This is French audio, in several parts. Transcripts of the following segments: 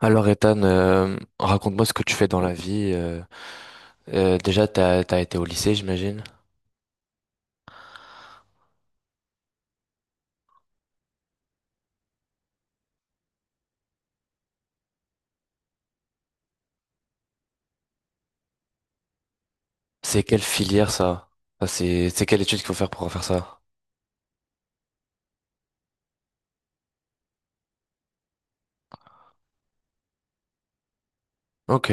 Alors Ethan, raconte-moi ce que tu fais dans la vie. Déjà, t'as été au lycée, j'imagine. C'est quelle filière ça? Ça, c'est quelle étude qu'il faut faire pour faire ça? Ok,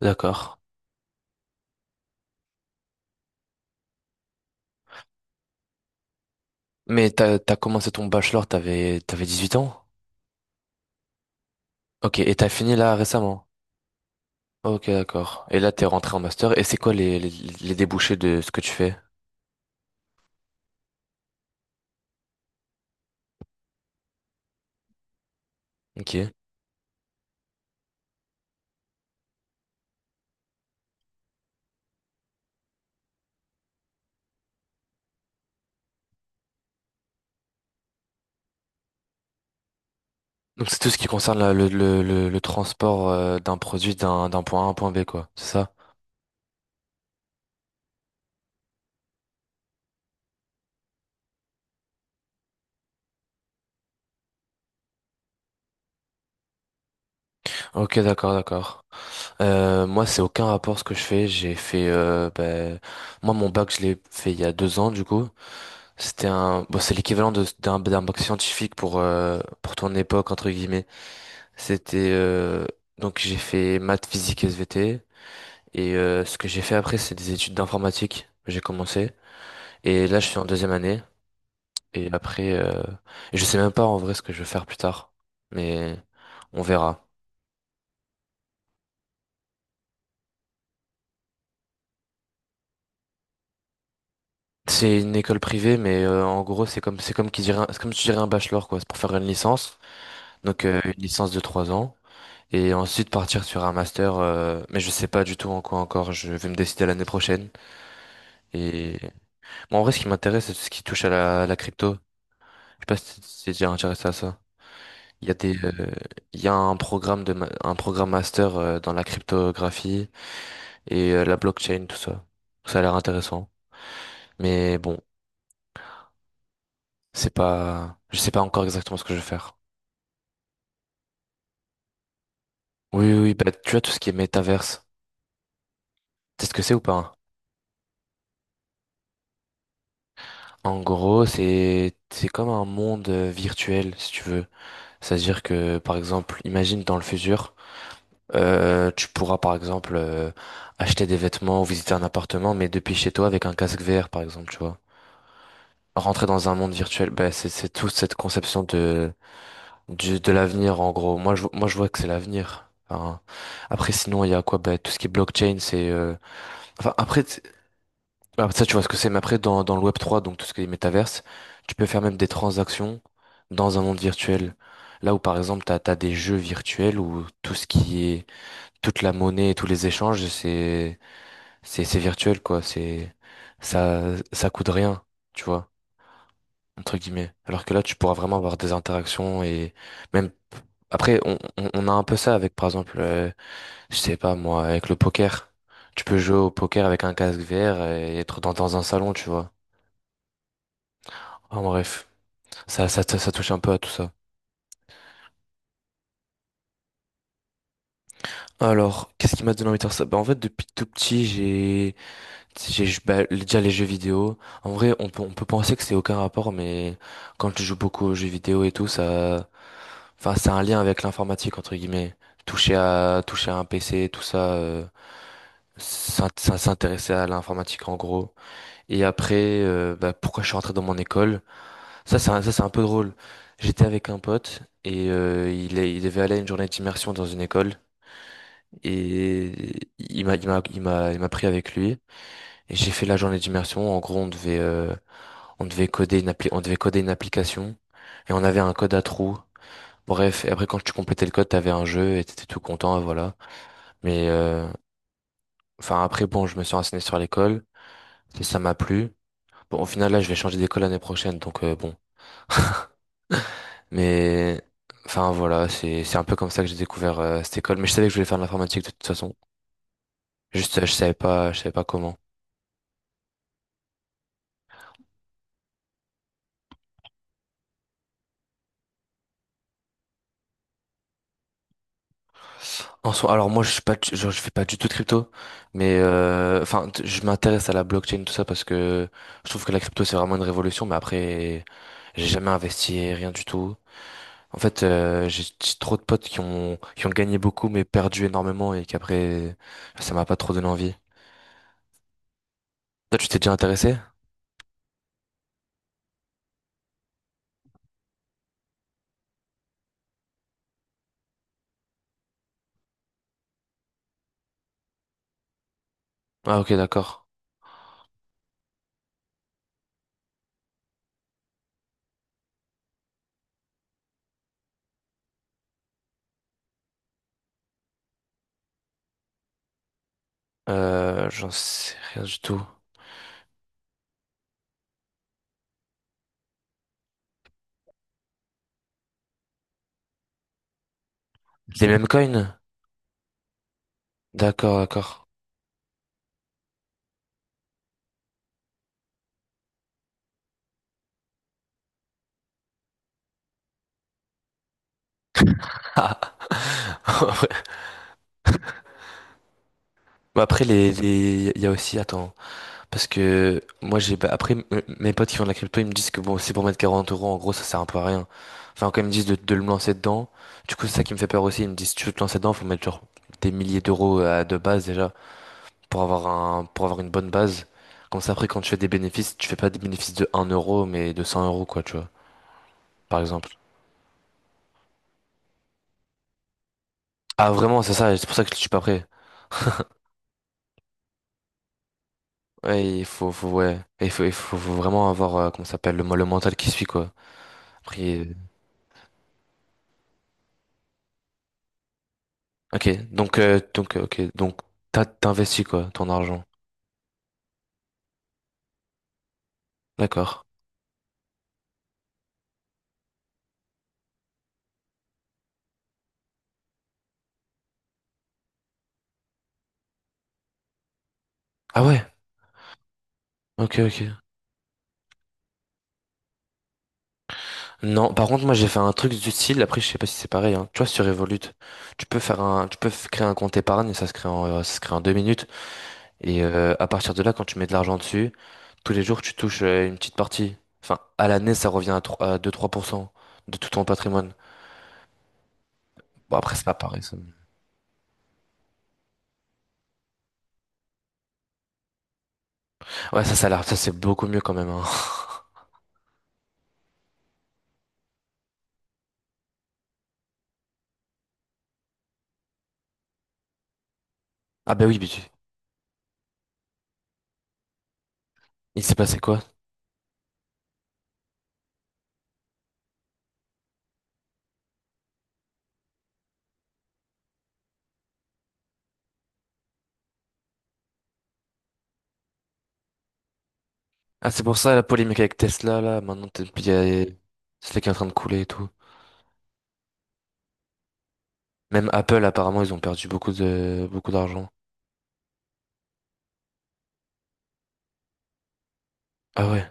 d'accord. Mais t'as commencé ton bachelor, t'avais 18 ans? Ok, et t'as fini là récemment? Ok, d'accord. Et là, t'es rentré en master. Et c'est quoi les débouchés de ce que tu fais? Ok. Donc c'est tout ce qui concerne le transport d'un produit d'un point A à un point B, quoi. C'est ça? Ok, d'accord, d'accord. Moi, c'est aucun rapport ce que je fais. J'ai fait, ben, moi, mon bac, je l'ai fait il y a 2 ans, du coup. C'était un, bon, c'est l'équivalent de, d'un bac scientifique pour ton époque, entre guillemets. C'était, euh, donc j'ai fait maths, physique, SVT. Et, ce que j'ai fait après, c'est des études d'informatique. J'ai commencé. Et là, je suis en deuxième année. Et après, je sais même pas en vrai ce que je veux faire plus tard. Mais, on verra. C'est une école privée, mais en gros, c'est comme si tu dirais un bachelor, quoi, c'est pour faire une licence. Donc une licence de 3 ans et ensuite partir sur un master. Mais je sais pas du tout en quoi encore. Je vais me décider l'année prochaine. Et moi, en vrai, ce qui m'intéresse, c'est tout ce qui touche à la crypto. Je sais pas si t'es déjà intéressé à ça. Il y a des euh, il y a un programme un programme master dans la cryptographie et la blockchain, tout ça. Ça a l'air intéressant. Mais bon, c'est pas je sais pas encore exactement ce que je vais faire. Oui, oui, oui, bah, tu vois, tout ce qui est métaverse. Tu sais ce que c'est ou pas, hein? En gros, c'est comme un monde virtuel, si tu veux. C'est-à-dire que, par exemple, imagine dans le futur, tu pourras, par exemple, acheter des vêtements ou visiter un appartement, mais depuis chez toi avec un casque VR, par exemple, tu vois. Rentrer dans un monde virtuel, bah, c'est toute cette conception de l'avenir, en gros. Moi, je vois que c'est l'avenir. Enfin, après, sinon, il y a quoi? Bah, tout ce qui est blockchain, enfin, après. Ah, ça, tu vois ce que c'est, mais après, dans le web 3, donc tout ce qui est métaverse, tu peux faire même des transactions dans un monde virtuel. Là où, par exemple, t'as des jeux virtuels où tout ce qui est, toute la monnaie et tous les échanges, c'est virtuel, quoi. Ça, ça coûte rien, tu vois, entre guillemets. Alors que là, tu pourras vraiment avoir des interactions et même, après, on a un peu ça avec, par exemple, je sais pas, moi, avec le poker. Tu peux jouer au poker avec un casque VR et être dans un salon, tu vois. Ah, en bref, ça touche un peu à tout ça. Alors, qu'est-ce qui m'a donné envie de faire ça? Bah, en fait, depuis tout petit, j'ai, bah, déjà les jeux vidéo. En vrai, on peut penser que c'est aucun rapport, mais quand tu joues beaucoup aux jeux vidéo et tout, ça, enfin, c'est un lien avec l'informatique, entre guillemets. Toucher à un PC, tout ça, s'intéresser à l'informatique, en gros. Et après, bah, pourquoi je suis rentré dans mon école? Ça, c'est un peu drôle. J'étais avec un pote et il devait aller à une journée d'immersion dans une école et il m'a pris avec lui et j'ai fait la journée d'immersion. En gros, on devait coder on devait coder une application et on avait un code à trous. Bref, et après, quand tu complétais le code, t'avais un jeu et t'étais tout content, voilà. Mais enfin après, bon, je me suis renseigné sur l'école et ça m'a plu. Bon, au final, là, je vais changer d'école l'année prochaine, donc bon. Mais enfin voilà, c'est un peu comme ça que j'ai découvert cette école. Mais je savais que je voulais faire de l'informatique de toute façon. Juste, je savais pas, comment. En soi, alors moi, je suis pas, genre, je fais pas du tout de crypto, mais enfin, je m'intéresse à la blockchain, tout ça, parce que je trouve que la crypto c'est vraiment une révolution. Mais après, j'ai jamais investi rien du tout. En fait, j'ai trop de potes qui ont gagné beaucoup mais perdu énormément, et qu'après, ça m'a pas trop donné envie. Toi, tu t'es déjà intéressé? Ah ok, d'accord. J'en sais rien du tout. Les mêmes coins? D'accord, d'accord. Bah, après, les, il y a aussi, attends, parce que moi j'ai, bah, après, mes potes qui font de la crypto, ils me disent que bon, c'est pour mettre 40 euros, en gros ça sert un peu à rien. Enfin, quand ils me disent de me lancer dedans, du coup c'est ça qui me fait peur aussi. Ils me disent, si tu veux te lancer dedans, faut mettre genre des milliers d'euros à de base déjà, pour avoir une bonne base, comme ça après quand tu fais des bénéfices, tu fais pas des bénéfices de 1 euro mais de 100 euros, quoi, tu vois, par exemple. Ah, vraiment, c'est ça, c'est pour ça que je suis pas prêt. Ouais, faut, ouais. Il faut, faut vraiment avoir, comment ça s'appelle, le mental qui suit, quoi. Après, ok, donc, t'investis, quoi, ton argent. D'accord. Ah ouais, ok, ok. Non, par contre, moi, j'ai fait un truc du style, après, je sais pas si c'est pareil, hein. Tu vois, sur Revolut, tu peux faire un, tu peux f- créer un compte épargne, ça se crée en 2 minutes, et à partir de là, quand tu mets de l'argent dessus, tous les jours, tu touches une petite partie. Enfin, à l'année, ça revient à 3 à deux trois pour cent de tout ton patrimoine. Bon, après, c'est pas pareil, ça. Ouais, ça a l'air, ça c'est beaucoup mieux quand même, hein. Ah bah oui, il s'est passé quoi? Ah, c'est pour ça la polémique avec Tesla, là, maintenant, t'es- puis il y a- c'est qui est en train de couler et tout. Même Apple, apparemment, ils ont perdu beaucoup de beaucoup d'argent. Ah ouais.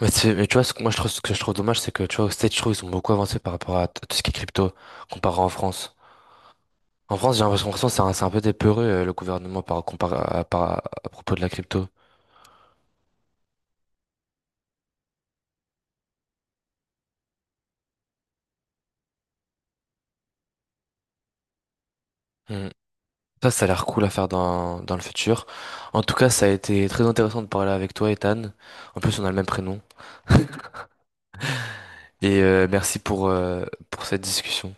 Mais, tu vois, ce que moi je trouve, ce que je trouve dommage, c'est que tu vois, aux States, je trouve, ils ont beaucoup avancé par rapport tout ce qui est crypto, comparé en France. En France, j'ai l'impression que c'est un peu des peureux, le gouvernement, par, comparé à, par- à propos de la crypto. Hmm. Ça a l'air cool à faire dans le futur. En tout cas, ça a été très intéressant de parler avec toi, Ethan. En plus, on a le même prénom. Et merci pour cette discussion.